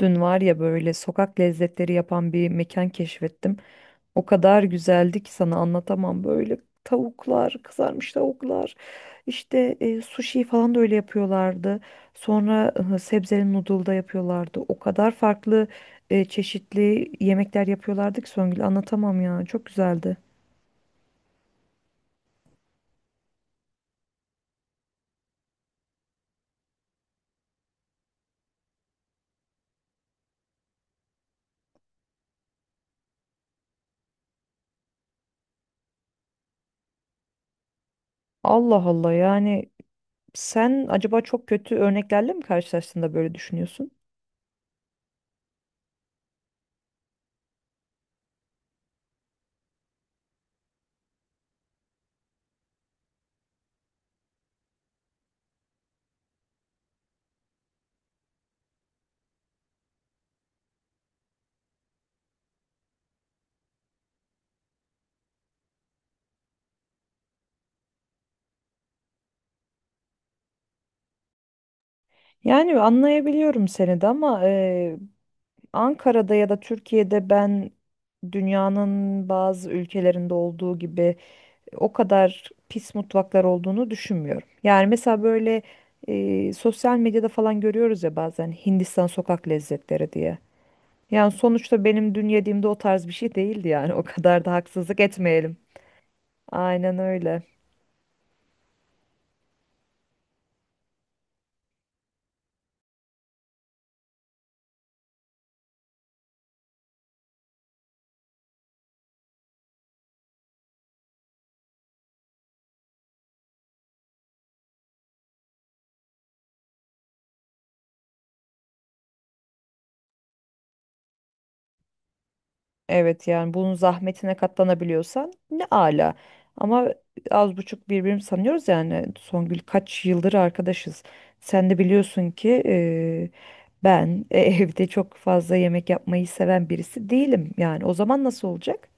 Dün var ya böyle sokak lezzetleri yapan bir mekan keşfettim. O kadar güzeldi ki sana anlatamam. Böyle tavuklar, kızarmış tavuklar, işte sushi falan da öyle yapıyorlardı. Sonra sebzeli noodle da yapıyorlardı. O kadar farklı çeşitli yemekler yapıyorlardı ki Songül, anlatamam ya. Çok güzeldi. Allah Allah, yani sen acaba çok kötü örneklerle mi karşılaştığında böyle düşünüyorsun? Yani anlayabiliyorum seni de, ama Ankara'da ya da Türkiye'de ben dünyanın bazı ülkelerinde olduğu gibi o kadar pis mutfaklar olduğunu düşünmüyorum. Yani mesela böyle sosyal medyada falan görüyoruz ya bazen, Hindistan sokak lezzetleri diye. Yani sonuçta benim dün yediğimde o tarz bir şey değildi yani o kadar da haksızlık etmeyelim. Aynen öyle. Evet, yani bunun zahmetine katlanabiliyorsan ne ala. Ama az buçuk birbirimizi sanıyoruz yani Songül, kaç yıldır arkadaşız. Sen de biliyorsun ki evde çok fazla yemek yapmayı seven birisi değilim. Yani o zaman nasıl olacak?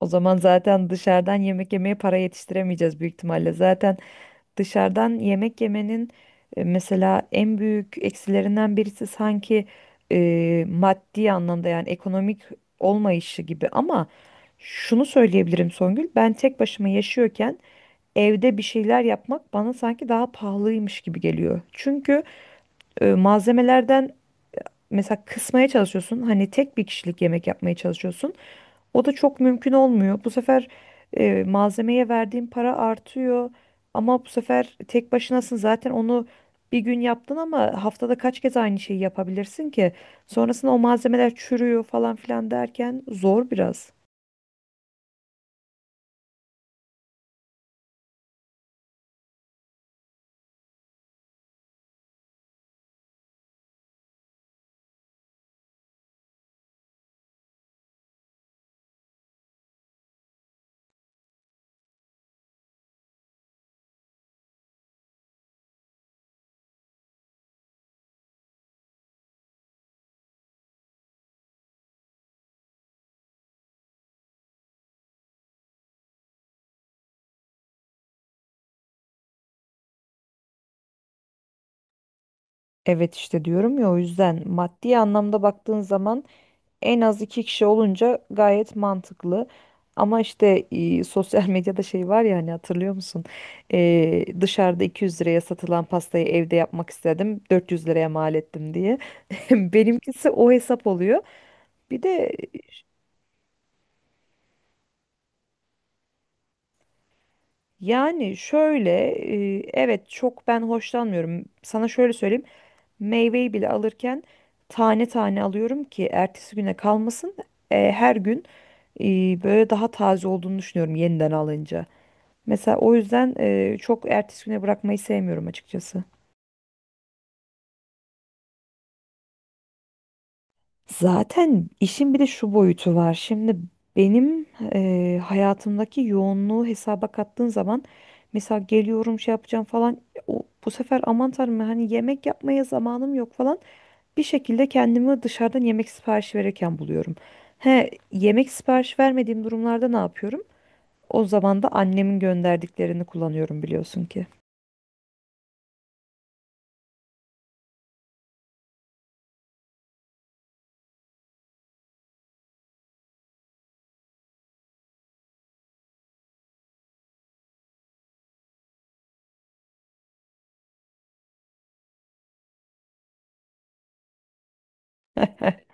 O zaman zaten dışarıdan yemek yemeye para yetiştiremeyeceğiz büyük ihtimalle. Zaten dışarıdan yemek yemenin mesela en büyük eksilerinden birisi sanki maddi anlamda, yani ekonomik olmayışı gibi, ama şunu söyleyebilirim Songül, ben tek başıma yaşıyorken evde bir şeyler yapmak bana sanki daha pahalıymış gibi geliyor. Çünkü malzemelerden mesela kısmaya çalışıyorsun, hani tek bir kişilik yemek yapmaya çalışıyorsun. O da çok mümkün olmuyor. Bu sefer malzemeye verdiğin para artıyor, ama bu sefer tek başınasın, zaten onu bir gün yaptın ama haftada kaç kez aynı şeyi yapabilirsin ki? Sonrasında o malzemeler çürüyor falan filan derken zor biraz. Evet işte diyorum ya, o yüzden maddi anlamda baktığın zaman en az iki kişi olunca gayet mantıklı. Ama işte sosyal medyada şey var ya, hani hatırlıyor musun? Dışarıda 200 liraya satılan pastayı evde yapmak istedim, 400 liraya mal ettim diye. Benimkisi o hesap oluyor. Bir de yani şöyle, evet, çok ben hoşlanmıyorum. Sana şöyle söyleyeyim. Meyveyi bile alırken tane tane alıyorum ki ertesi güne kalmasın. Her gün e, böyle daha taze olduğunu düşünüyorum yeniden alınca. Mesela o yüzden çok ertesi güne bırakmayı sevmiyorum açıkçası. Zaten işin bir de şu boyutu var. Şimdi benim hayatımdaki yoğunluğu hesaba kattığın zaman, mesela geliyorum şey yapacağım falan, o, bu sefer aman tanrım hani yemek yapmaya zamanım yok falan, bir şekilde kendimi dışarıdan yemek siparişi verirken buluyorum. He, yemek sipariş vermediğim durumlarda ne yapıyorum? O zaman da annemin gönderdiklerini kullanıyorum, biliyorsun ki.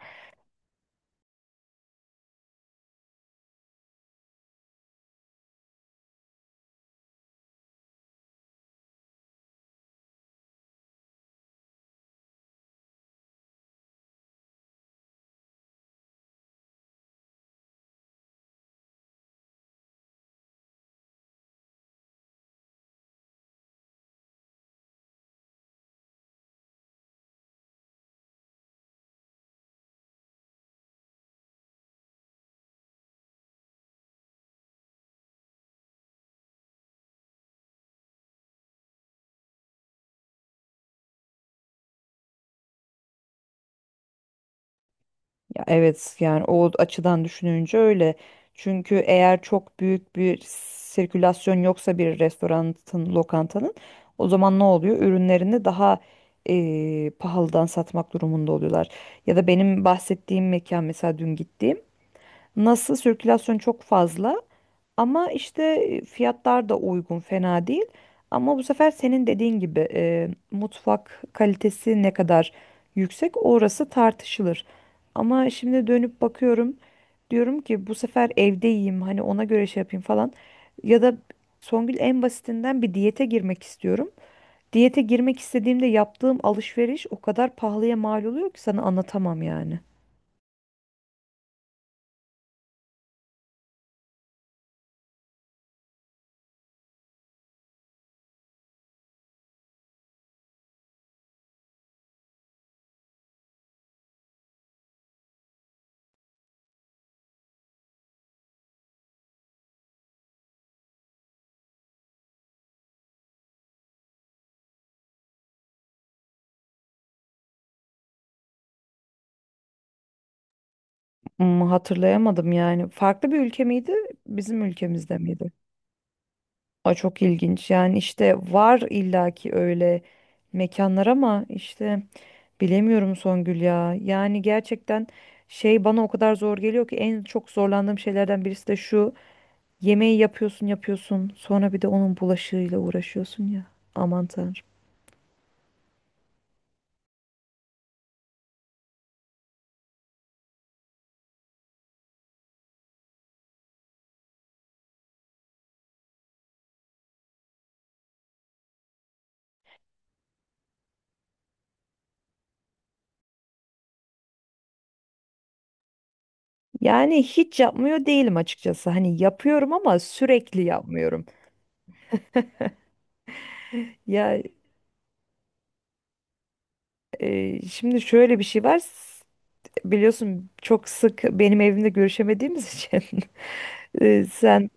Ya evet, yani o açıdan düşününce öyle. Çünkü eğer çok büyük bir sirkülasyon yoksa bir restoranın, lokantanın, o zaman ne oluyor? Ürünlerini daha pahalıdan satmak durumunda oluyorlar. Ya da benim bahsettiğim mekan, mesela dün gittiğim, nasıl sirkülasyon çok fazla ama işte fiyatlar da uygun, fena değil. Ama bu sefer senin dediğin gibi mutfak kalitesi ne kadar yüksek orası tartışılır. Ama şimdi dönüp bakıyorum, diyorum ki bu sefer evde yiyeyim, hani ona göre şey yapayım falan. Ya da Songül, en basitinden bir diyete girmek istiyorum. Diyete girmek istediğimde yaptığım alışveriş o kadar pahalıya mal oluyor ki sana anlatamam yani. Hmm, hatırlayamadım yani. Farklı bir ülke miydi? Bizim ülkemizde miydi? Aa, çok ilginç yani, işte var illaki öyle mekanlar, ama işte bilemiyorum Songül ya. Yani gerçekten şey bana o kadar zor geliyor ki, en çok zorlandığım şeylerden birisi de şu: yemeği yapıyorsun yapıyorsun, sonra bir de onun bulaşığıyla uğraşıyorsun ya, aman tanrım. Yani hiç yapmıyor değilim açıkçası, hani yapıyorum ama sürekli yapmıyorum. Ya şimdi şöyle bir şey var, biliyorsun çok sık benim evimde görüşemediğimiz için. Sen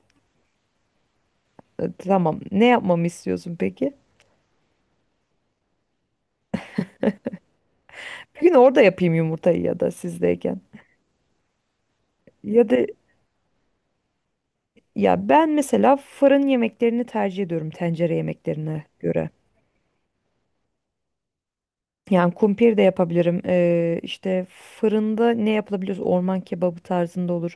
Tamam. Ne yapmamı istiyorsun peki? Bir gün orada yapayım yumurtayı ya da sizdeyken. Ya da ya, ben mesela fırın yemeklerini tercih ediyorum tencere yemeklerine göre. Yani kumpir de yapabilirim. İşte fırında ne yapılabilir? Orman kebabı tarzında olur.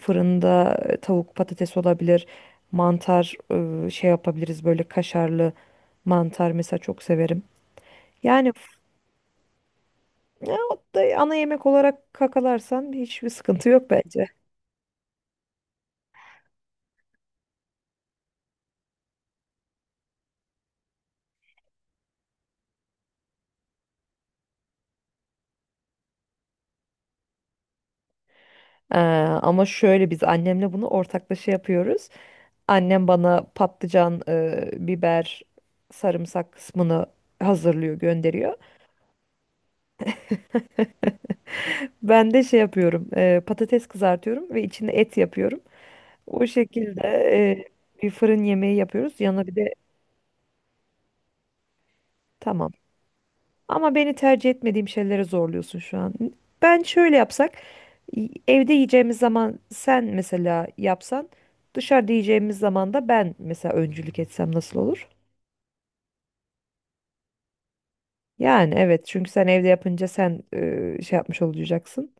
Fırında tavuk patates olabilir. Mantar, şey yapabiliriz, böyle kaşarlı mantar mesela, çok severim. Yani f- ya, o da ana yemek olarak kakalarsan hiçbir sıkıntı yok bence. Ee, Ama şöyle, biz annemle bunu ortaklaşa yapıyoruz. Annem bana patlıcan, biber, sarımsak kısmını hazırlıyor, gönderiyor. Ben de şey yapıyorum, patates kızartıyorum ve içine et yapıyorum. O şekilde bir fırın yemeği yapıyoruz. Yanına bir de tamam. Ama beni tercih etmediğim şeylere zorluyorsun şu an. Ben şöyle yapsak, evde yiyeceğimiz zaman sen mesela yapsan, dışarıda yiyeceğimiz zaman da ben mesela öncülük etsem nasıl olur? Yani evet, çünkü sen evde yapınca sen şey yapmış olacaksın.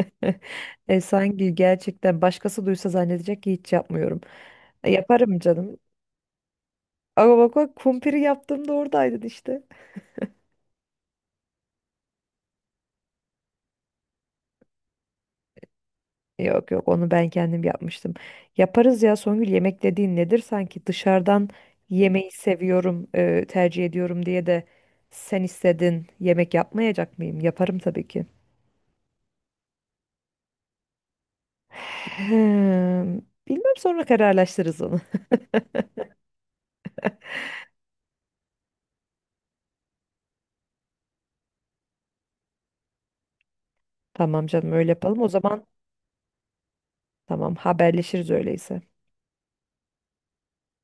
Sanki gerçekten başkası duysa zannedecek ki hiç yapmıyorum. Yaparım canım. Ama bak bak, kumpiri yaptığımda oradaydın işte. Yok yok, onu ben kendim yapmıştım. Yaparız ya Songül, yemek dediğin nedir sanki? Dışarıdan yemeği seviyorum, tercih ediyorum diye de, sen istedin yemek yapmayacak mıyım? Yaparım tabii ki. Hmm, bilmem, sonra kararlaştırırız onu. Tamam canım, öyle yapalım. O zaman tamam, haberleşiriz öyleyse.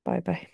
Bay bay.